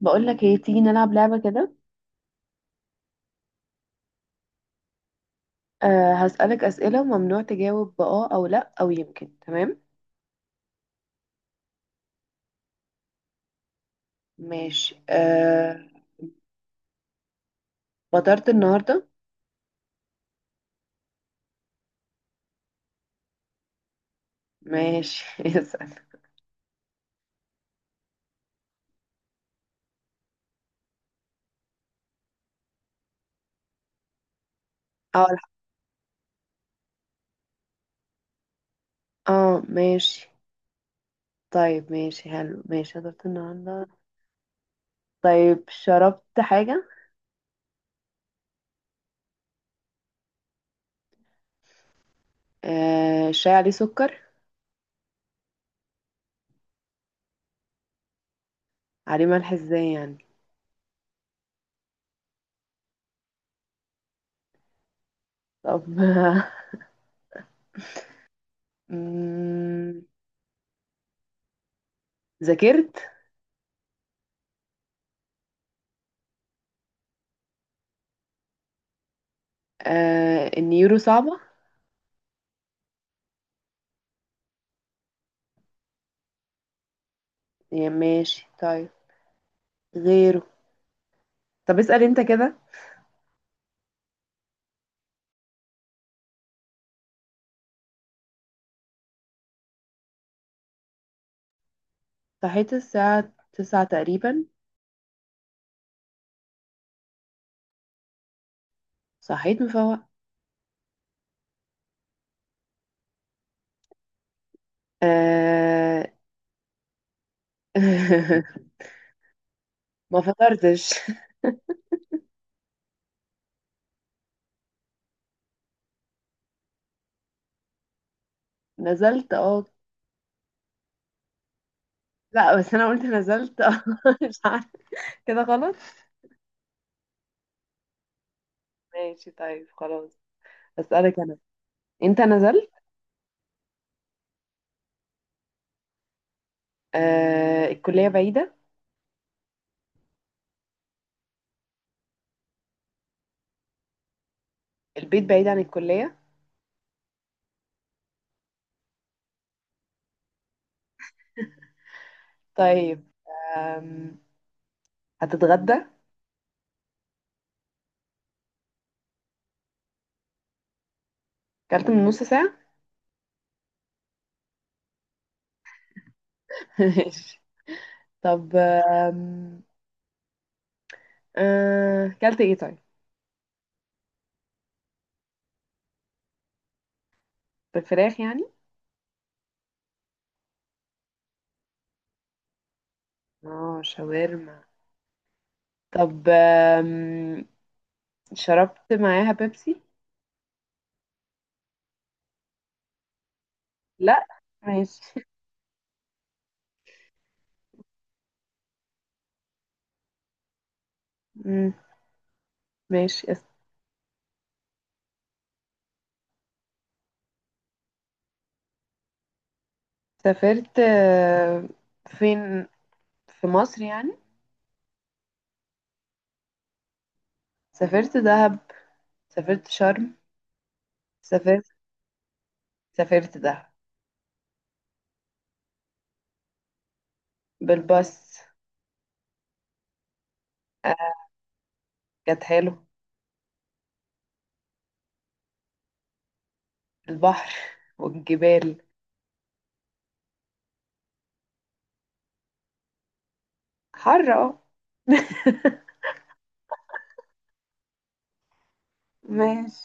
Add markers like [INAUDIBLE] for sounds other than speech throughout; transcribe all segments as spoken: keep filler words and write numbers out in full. بقولك ايه تيجي نلعب لعبة كده؟ أه هسألك أسئلة وممنوع تجاوب بآه أو لأ أو يمكن تمام. ماشي أه فطرت النهاردة؟ ماشي [LAUGHS] اسأل. اه الح- اه ماشي طيب، ماشي حلو، ماشي. فطرت النهاردة؟ طيب شربت حاجة؟ أه الشاي عليه سكر؟ عليه ملح ازاي يعني؟ طب [LAUGHS] مم، ذاكرت؟ أه النيورو صعبة. يا ماشي طيب غيره. طب اسأل انت كده. صحيت الساعة تسعة تقريبا. صحيت مفوقة. آه... [LAUGHS] ما فطرتش. نزلت اه لا، بس انا قلت نزلت اه [LAUGHS] مش عارفة، كده غلط. ماشي طيب خلاص، اسألك انا. انت نزلت. آه... الكلية بعيدة. البيت بعيد عن الكلية. طيب آم... هتتغدى؟ كلت من نص ساعة. [LAUGHS] ماشي. طب آم... آه... كلت ايه طيب؟ بالفراخ يعني؟ اه شاورما. طب آم، شربت معاها بيبسي؟ لا. ماشي. مم. ماشي اس- سافرت آه، فين؟ في مصر يعني. سافرت دهب، سافرت شرم، سافرت، سافرت دهب. بالباص. آه، كانت حلو. البحر والجبال. حر اه [LAUGHS] ماشي.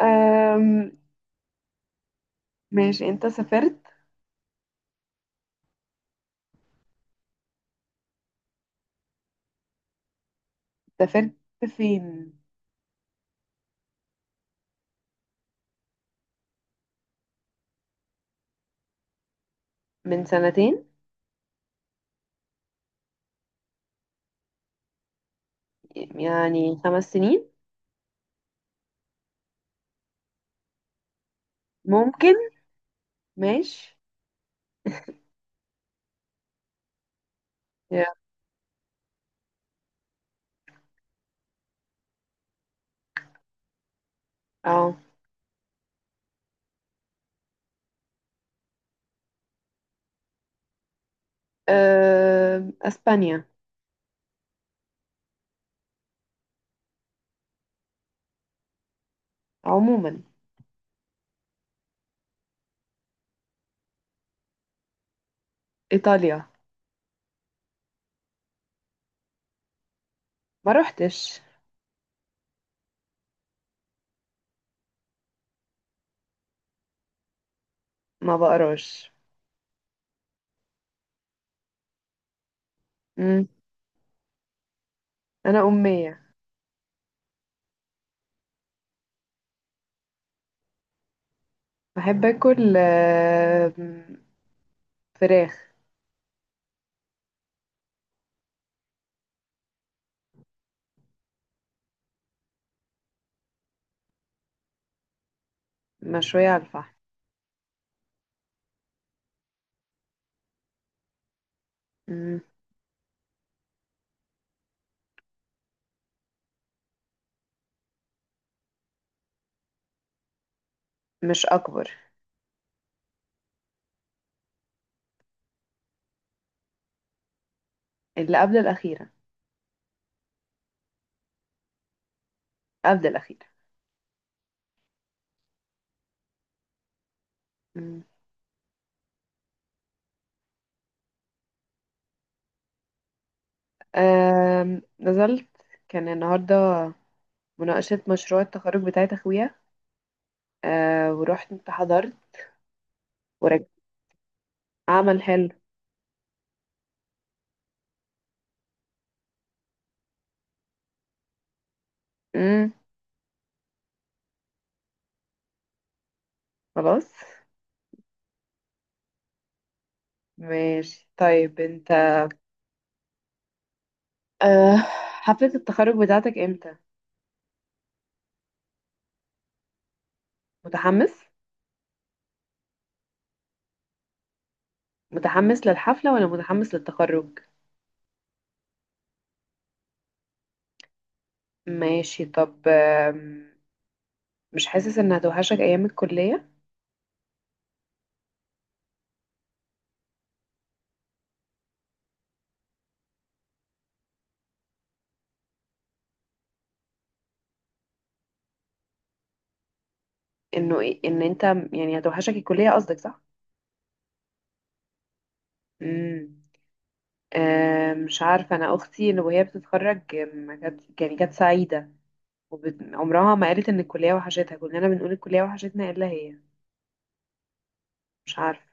أم... ماشي، انت سافرت؟ سافرت فين؟ من سنتين؟ يعني خمس سنين؟ ممكن. ماشي. يا اه. أه... اسبانيا. عموما. ايطاليا. ما روحتش. ما بقراش. مم. انا امية. بحب اكل آه، فراخ. مشوية على الفحم. مم. مش اكبر. اللي قبل الاخيرة. قبل الاخيرة. مم. آم، نزلت. كان النهاردة مناقشة مشروع التخرج بتاعت اخويا. أه ورحت انت، حضرت، ورجعت. عمل حلو. مم. خلاص. ماشي طيب انت. أه، حفلة التخرج بتاعتك امتى؟ متحمس؟ متحمس للحفلة ولا متحمس للتخرج؟ ماشي. طب آم، مش حاسس ان هتوحشك ايام الكلية؟ انه إيه- ان انت، يعني هتوحشك الكلية قصدك صح؟ امم. أه مش عارفة، انا اختي اللي وهي بتتخرج ما كانت، يعني كانت سعيدة وبت... عمرها ما قالت ان الكلية وحشتها. كلنا بنقول الكلية وحشتنا الا هي. مش عارفة.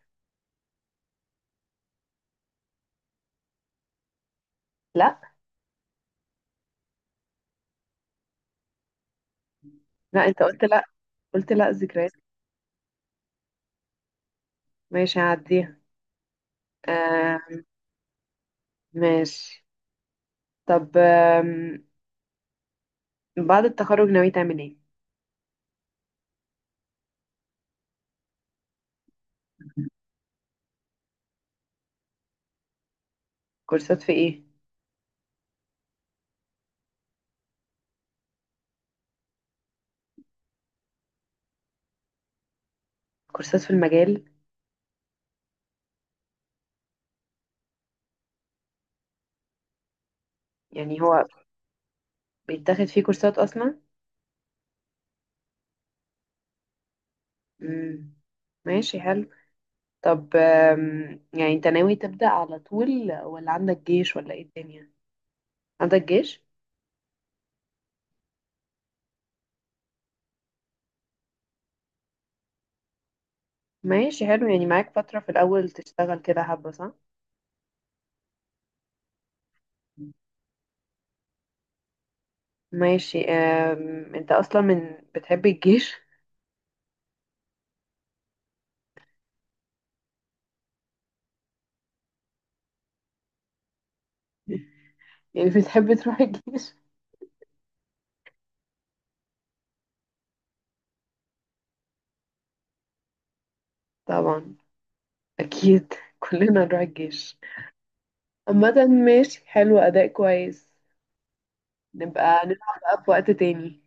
لا. لا انت قلت لا، قلت لا ذكريات. ماشي، هعديها. آه. ماشي. طب آم، بعد التخرج ناوي تعمل ايه؟ كورسات في ايه؟ كورسات في المجال. يعني هو بيتاخد فيه كورسات اصلا؟ امم. ماشي حلو. طب آم، يعني انت ناوي تبدأ على طول ولا عندك جيش ولا ايه الدنيا؟ عندك جيش. ماشي حلو، يعني معاك فترة في الاول تشتغل كده حبة صح. ماشي. آم، انت اصلا من بتحب الجيش؟ [LAUGHS] يعني بتحب تروح الجيش؟ طبعا. اكيد [LAUGHS] كلنا نروح الجيش. عامة ماشي حلو، أداء كويس. نبقى نلعب بقى في وقت تاني